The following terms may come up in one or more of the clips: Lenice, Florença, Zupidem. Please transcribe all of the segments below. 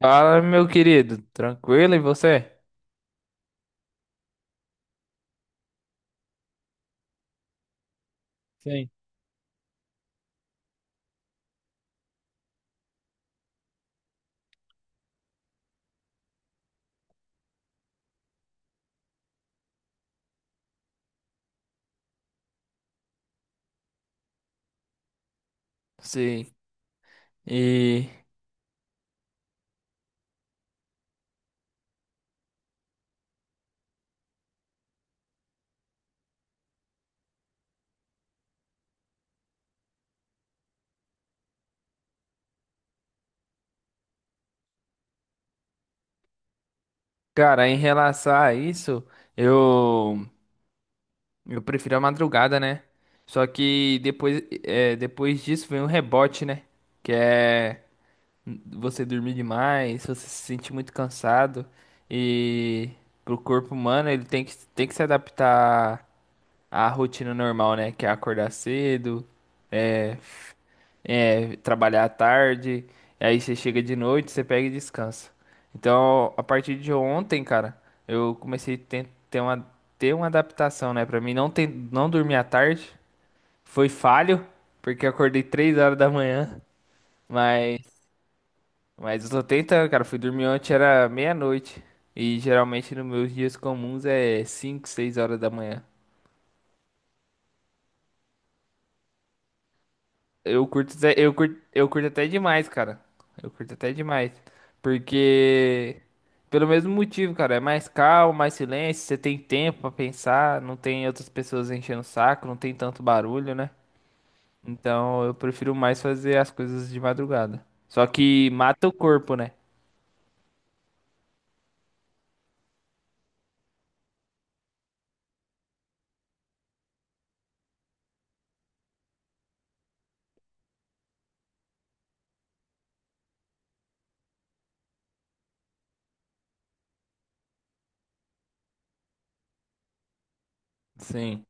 Fala, meu querido, tranquilo e você? Sim. Sim. E, cara, em relação a isso, eu eu prefiro a madrugada, né? Só que depois, depois disso vem um rebote, né? Que é você dormir demais, você se sente muito cansado e pro corpo humano ele tem que se adaptar a rotina normal, né? Que é acordar cedo, é, trabalhar à tarde, aí você chega de noite, você pega e descansa. Então, a partir de ontem, cara, eu comecei a ten- ter uma adaptação, né? Pra mim, não, ter, não dormir à tarde foi falho, porque eu acordei 3 horas da manhã, mas, mas eu tô tentando, cara. Fui dormir ontem, era meia-noite, e geralmente nos meus dias comuns é 5 6 horas da manhã. Eu curto, eu curto até demais, cara. Eu curto até demais. Porque, pelo mesmo motivo, cara, é mais calmo, mais silêncio, você tem tempo pra pensar, não tem outras pessoas enchendo o saco, não tem tanto barulho, né? Então eu prefiro mais fazer as coisas de madrugada. Só que mata o corpo, né? Sim.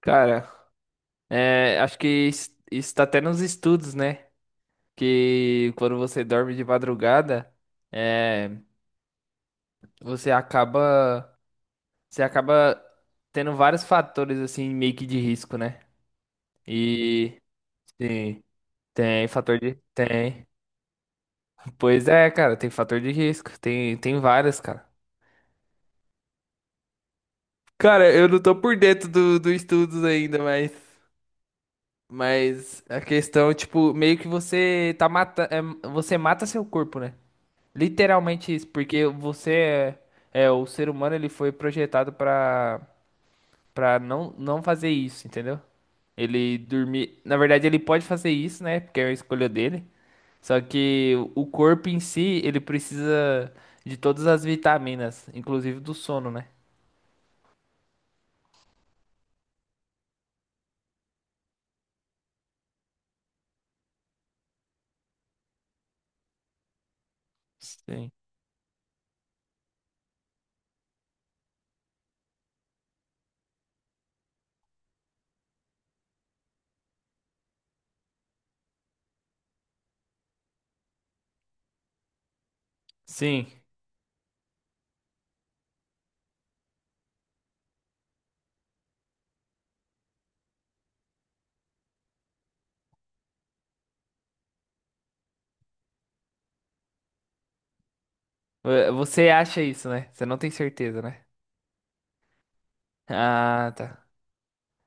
Cara, acho que isso está até nos estudos, né? Que quando você dorme de madrugada, é, você acaba. Você acaba tendo vários fatores assim meio que de risco, né? E sim, tem fator de tem. Pois é, cara, tem fator de risco, tem várias, cara. Cara, eu não tô por dentro do, do estudos ainda, mas a questão, tipo, meio que você mata seu corpo, né? Literalmente isso, porque você é o ser humano, ele foi projetado pra para não fazer isso, entendeu? Ele dormir. Na verdade, ele pode fazer isso, né? Porque é a escolha dele. Só que o corpo em si, ele precisa de todas as vitaminas, inclusive do sono, né? Sim. Sim. Você acha isso, né? Você não tem certeza, né? Ah, tá.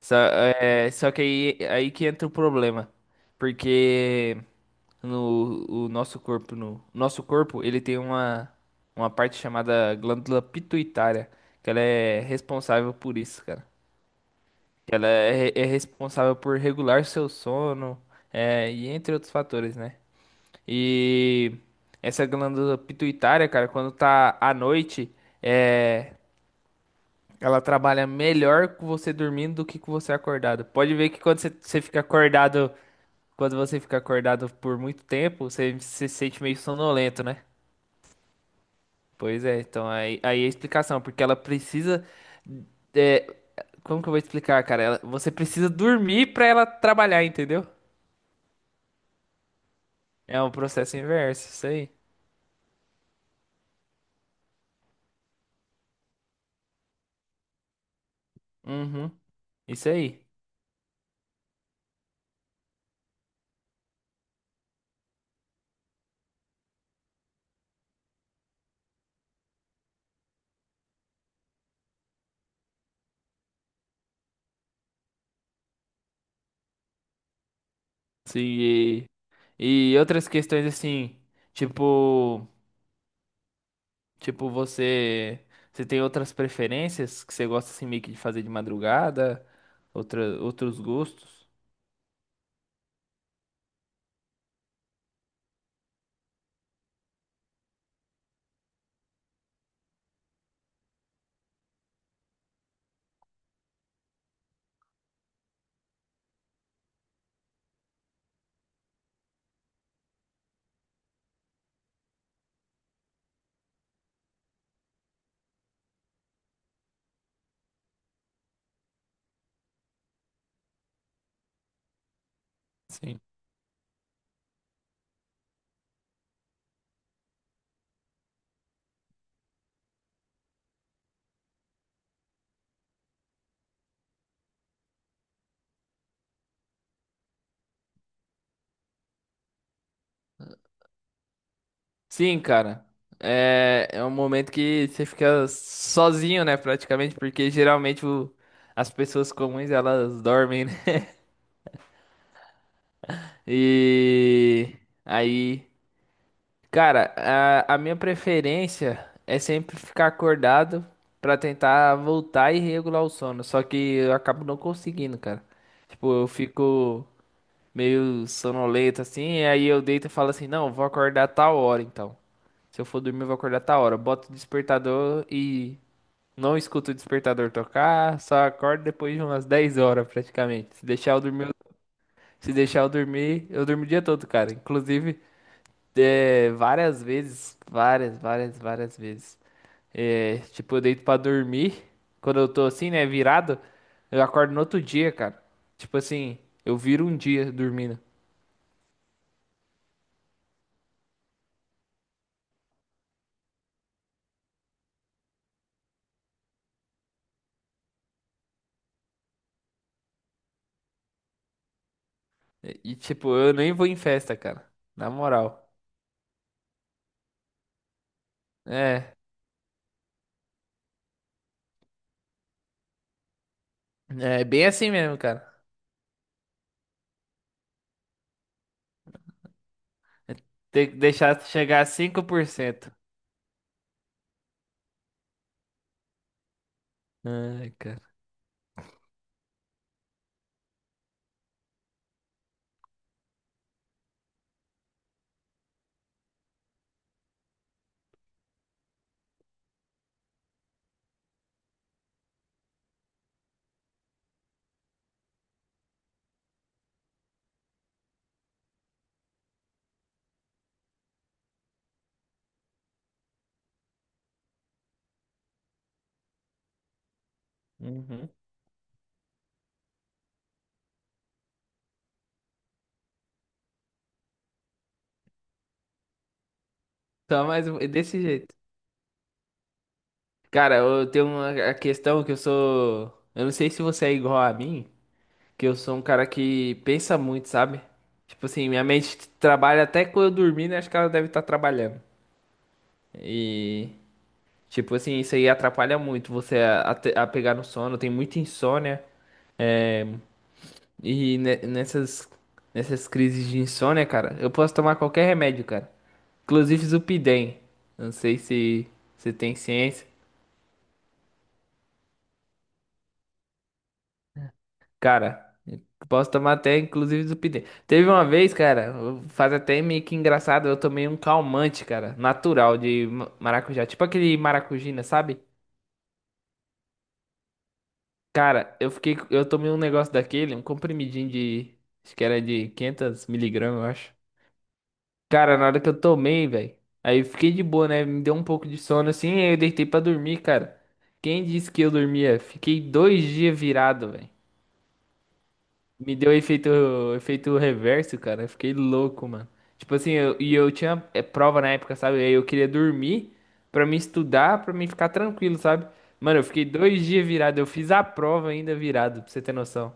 Só, só que aí, aí que entra o problema. Porque no o nosso corpo, no nosso corpo, ele tem uma parte chamada glândula pituitária, que ela é responsável por isso, cara. Ela é, é responsável por regular seu sono, e entre outros fatores, né? E essa glândula pituitária, cara, quando tá à noite, é, ela trabalha melhor com você dormindo do que com você acordado. Pode ver que você fica acordado, quando você fica acordado por muito tempo, você se sente meio sonolento, né? Pois é, então aí, aí é a explicação, porque ela precisa. é, Como que eu vou explicar, cara? Você precisa dormir pra ela trabalhar, entendeu? É um processo inverso, isso aí. Uhum, isso aí. Sim, e outras questões assim, tipo, tipo você, você tem outras preferências que você gosta assim meio que de fazer de madrugada, outra, outros gostos? Sim. Sim, cara. É, é um momento que você fica sozinho, né, praticamente, porque geralmente as pessoas comuns elas dormem, né? E aí, cara, a minha preferência é sempre ficar acordado pra tentar voltar e regular o sono, só que eu acabo não conseguindo, cara. Tipo, eu fico. Meio sonolento assim, e aí eu deito e falo assim, não, vou acordar tal hora então. Se eu for dormir, eu vou acordar tal hora. Eu boto o despertador e não escuto o despertador tocar, só acordo depois de umas 10 horas praticamente. Se deixar eu dormir, eu- Se deixar eu dormir, eu durmo o dia todo, cara. Inclusive, várias vezes, várias vezes. É, tipo, eu deito pra dormir, quando eu tô assim, né, virado, eu acordo no outro dia, cara. Tipo assim, eu viro um dia dormindo. Tipo, eu nem vou em festa, cara. Na moral. É, é bem assim mesmo, cara. É Tem que deixar chegar a 5%. Ai, cara. Uhum. Desse jeito. Cara, eu tenho uma a questão que eu sou. Eu não sei se você é igual a mim, que eu sou um cara que pensa muito, sabe? Tipo assim, minha mente trabalha até quando eu dormir, né? Acho que ela deve estar trabalhando. E, tipo assim, isso aí atrapalha muito você a te- a pegar no sono, tem muita insônia. é, E nessas, nessas crises de insônia, cara, eu posso tomar qualquer remédio, cara. Inclusive Zupidem. Não sei se você tem ciência. Cara, eu posso tomar até inclusive Zupidem. Teve uma vez, cara, faz até meio que engraçado, eu tomei um calmante, cara, natural de maracujá. Tipo aquele maracujina, sabe? Cara, eu tomei um negócio daquele, um comprimidinho de, acho que era de 500 miligramas, eu acho. Cara, na hora que eu tomei, velho, aí eu fiquei de boa, né? Me deu um pouco de sono assim, aí eu deitei pra dormir, cara. Quem disse que eu dormia? Fiquei dois dias virado, velho. Me deu efeito, efeito reverso, cara. Eu fiquei louco, mano. Tipo assim, e eu tinha prova na época, sabe? Aí eu queria dormir pra me estudar, pra me ficar tranquilo, sabe? Mano, eu fiquei dois dias virado. Eu fiz a prova ainda virado, pra você ter noção.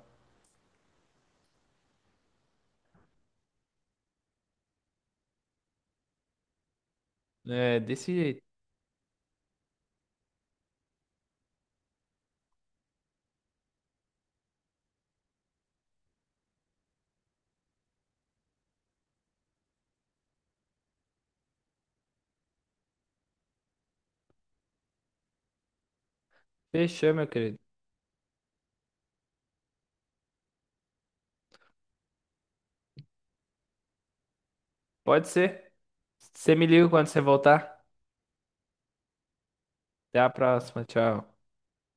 É, desse jeito. Fechou, meu querido. Pode ser. Você me liga quando você voltar. Até a próxima. Tchau.